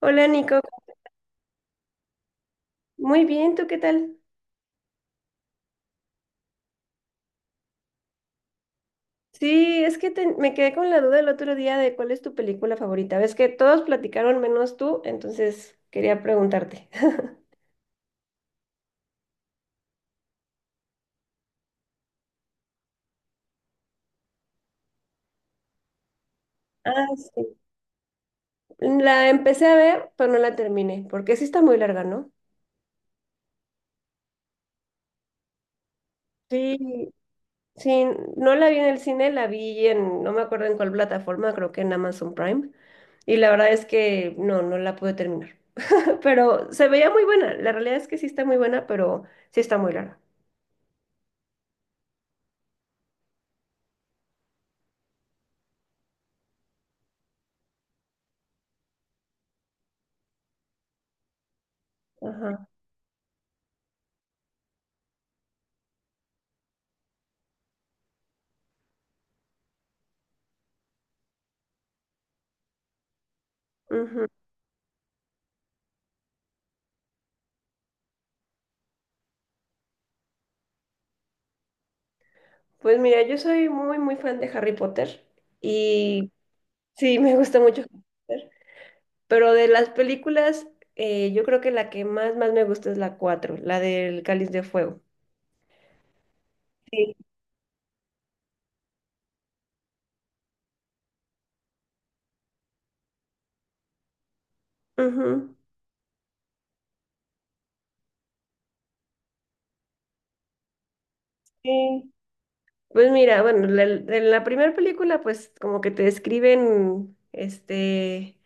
Hola Nico, muy bien, ¿tú qué tal? Sí, es que me quedé con la duda el otro día de cuál es tu película favorita. Ves que todos platicaron menos tú, entonces quería preguntarte. Ah, sí. La empecé a ver, pero no la terminé, porque sí está muy larga, ¿no? Sí, sí, no la vi en el cine, la vi en, no me acuerdo en cuál plataforma, creo que en Amazon Prime, y la verdad es que no la pude terminar. Pero se veía muy buena, la realidad es que sí está muy buena, pero sí está muy larga. Ajá. Pues mira, yo soy muy, muy fan de Harry Potter y sí, me gusta mucho Harry Potter, pero de las películas, yo creo que la que más, más me gusta es la 4, la del Cáliz de Fuego. Sí. Ujú. Sí. Pues mira, bueno, en la primera película, pues como que te describen, este,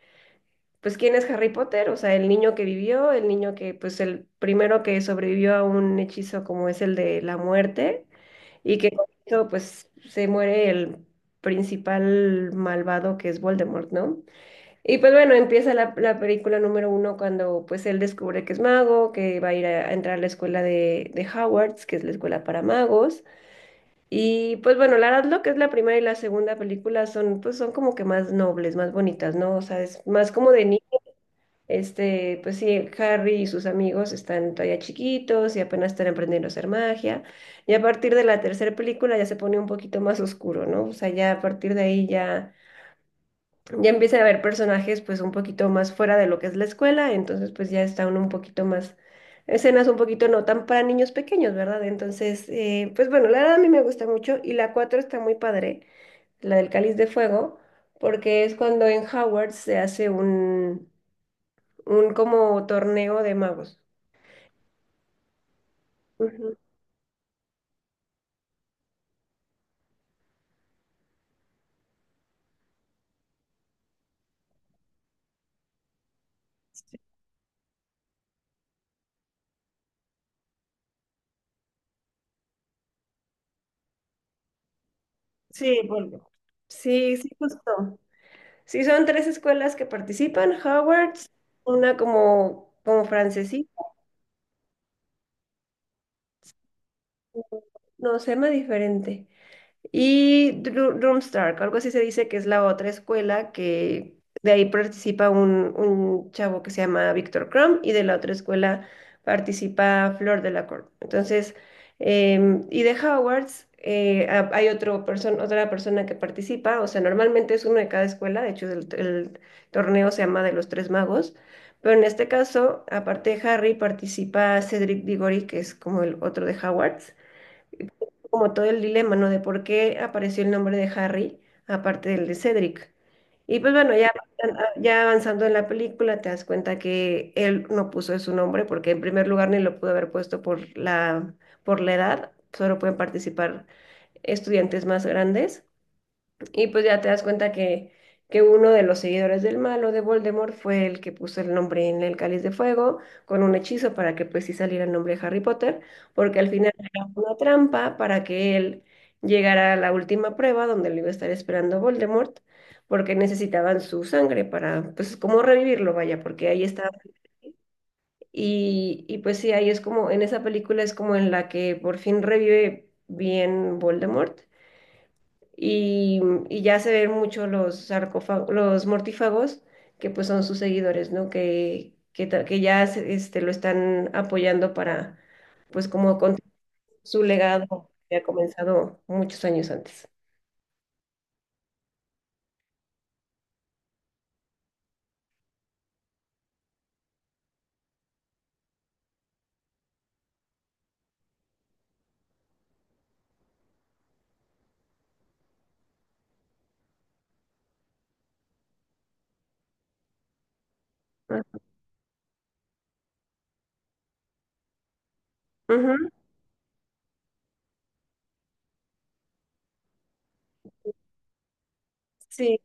pues, ¿quién es Harry Potter? O sea, el niño que vivió, el niño que, pues, el primero que sobrevivió a un hechizo como es el de la muerte, y que con esto, pues, se muere el principal malvado que es Voldemort, ¿no? Y pues bueno, empieza la película número 1 cuando pues él descubre que es mago, que va a ir a entrar a la escuela de Hogwarts, que es la escuela para magos. Y pues bueno, la verdad lo que es la primera y la segunda película son pues son como que más nobles, más bonitas, ¿no? O sea, es más como de niño este, pues sí, Harry y sus amigos están todavía chiquitos y apenas están aprendiendo a hacer magia. Y a partir de la tercera película ya se pone un poquito más oscuro, ¿no? O sea, ya a partir de ahí ya, ya empiezan a haber personajes pues un poquito más fuera de lo que es la escuela, entonces pues ya está uno un poquito más, escenas un poquito no tan para niños pequeños, ¿verdad? Entonces, pues bueno, la verdad a mí me gusta mucho y la 4 está muy padre, la del Cáliz de Fuego, porque es cuando en Howard se hace un como torneo de magos. Ujú. Sí, bueno. Sí, sí, justo. Sí, son tres escuelas que participan, Howard's, una como, como francesita, no, se llama diferente. Y Drumstark, algo así se dice que es la otra escuela que de ahí participa un chavo que se llama Víctor Crumb y de la otra escuela participa Flor Delacour. Entonces, em, y de Hogwarts hay otro otra persona que participa, o sea, normalmente es uno de cada escuela, de hecho el torneo se llama de los Tres Magos, pero en este caso, aparte de Harry, participa Cedric Diggory, que es como el otro de Hogwarts como todo el dilema, ¿no? De por qué apareció el nombre de Harry, aparte del de Cedric. Y pues bueno, ya, ya avanzando en la película, te das cuenta que él no puso su nombre, porque en primer lugar ni lo pudo haber puesto por la edad, solo pueden participar estudiantes más grandes. Y pues ya te das cuenta que uno de los seguidores del malo de Voldemort fue el que puso el nombre en el cáliz de fuego con un hechizo para que pues sí saliera el nombre de Harry Potter, porque al final era una trampa para que él llegara a la última prueba donde lo iba a estar esperando Voldemort, porque necesitaban su sangre para pues como revivirlo, vaya, porque ahí está. Y pues sí, ahí es como, en esa película es como en la que por fin revive bien Voldemort y, y ya se ven mucho los sarcófagos, los mortífagos, que pues son sus seguidores, ¿no? Que, que ya este, lo están apoyando para, pues como con su legado que ha comenzado muchos años antes. Ah, ujú, sí,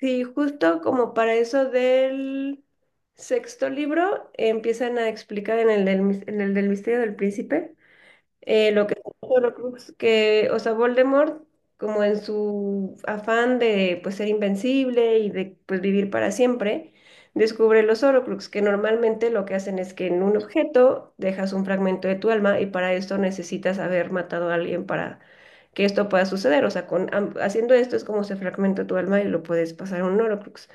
sí, justo como para eso del sexto libro empiezan a explicar en el del, en el del misterio del príncipe. Lo que Horrocrux, que, o sea, Voldemort, como en su afán de pues ser invencible y de pues vivir para siempre, descubre los Horrocrux, que normalmente lo que hacen es que en un objeto dejas un fragmento de tu alma y para esto necesitas haber matado a alguien para que esto pueda suceder. O sea, con, haciendo esto es como se fragmenta tu alma y lo puedes pasar a un Horrocrux.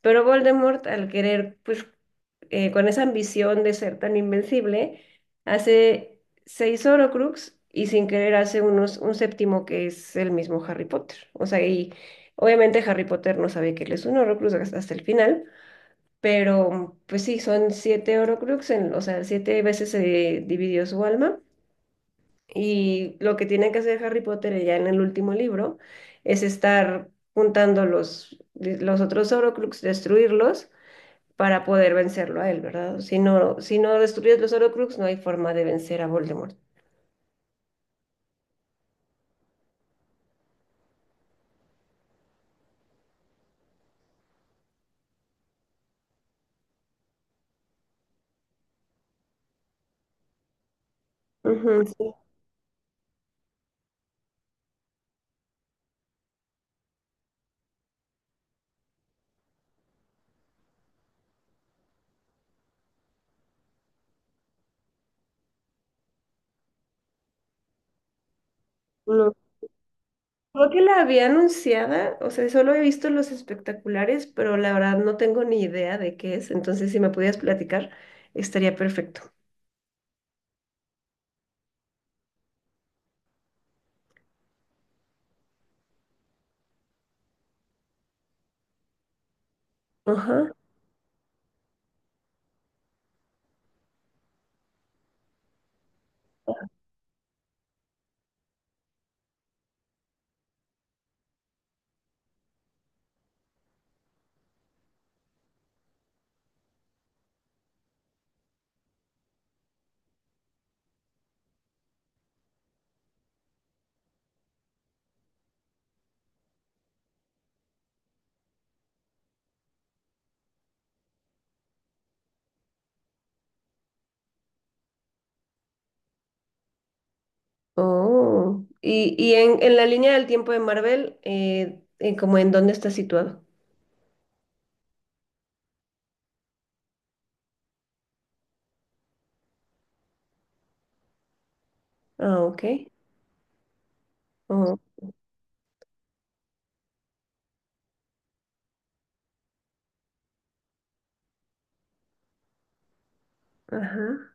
Pero Voldemort, al querer pues con esa ambición de ser tan invencible, hace 6 Horcrux y sin querer hace unos, un séptimo que es el mismo Harry Potter. O sea, y obviamente Harry Potter no sabe que él es un Horcrux hasta el final, pero pues sí, son 7 Horcrux, o sea, siete veces se dividió su alma. Y lo que tiene que hacer Harry Potter ya en el último libro es estar juntando los otros Horcrux, destruirlos para poder vencerlo a él, ¿verdad? Si no, si no destruyes los Horcrux, no hay forma de vencer a Voldemort. Ujú, sí, no. Creo que la había anunciada, o sea, solo he visto los espectaculares, pero la verdad no tengo ni idea de qué es, entonces si me pudieras platicar, estaría perfecto. Ajá. Oh, y en la línea del tiempo de Marvel, como en dónde está situado. Ah, ok. Oh, ajá.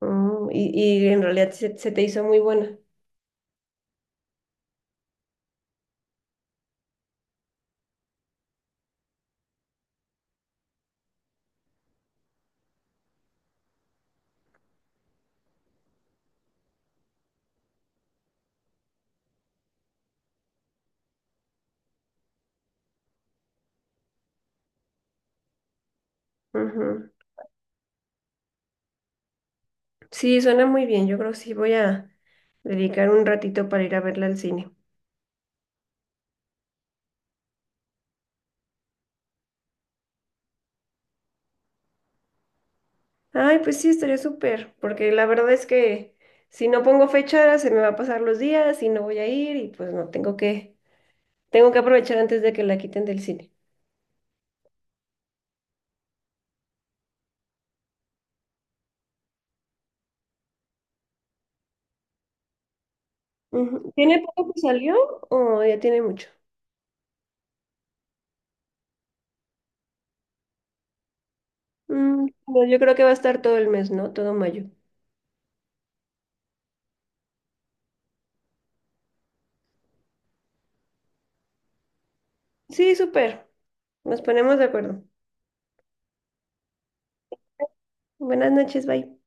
Oh, y en realidad se, se te hizo muy buena. Ujú. Sí, suena muy bien. Yo creo que sí voy a dedicar un ratito para ir a verla al cine. Ay, pues sí, estaría súper, porque la verdad es que si no pongo fecha, se me va a pasar los días y no voy a ir y pues no, tengo que aprovechar antes de que la quiten del cine. Ujú. ¿Tiene poco que salió o ya tiene mucho? Mm, no, yo creo que va a estar todo el mes, ¿no? Todo mayo. Sí, súper. Nos ponemos de acuerdo. Buenas noches, bye.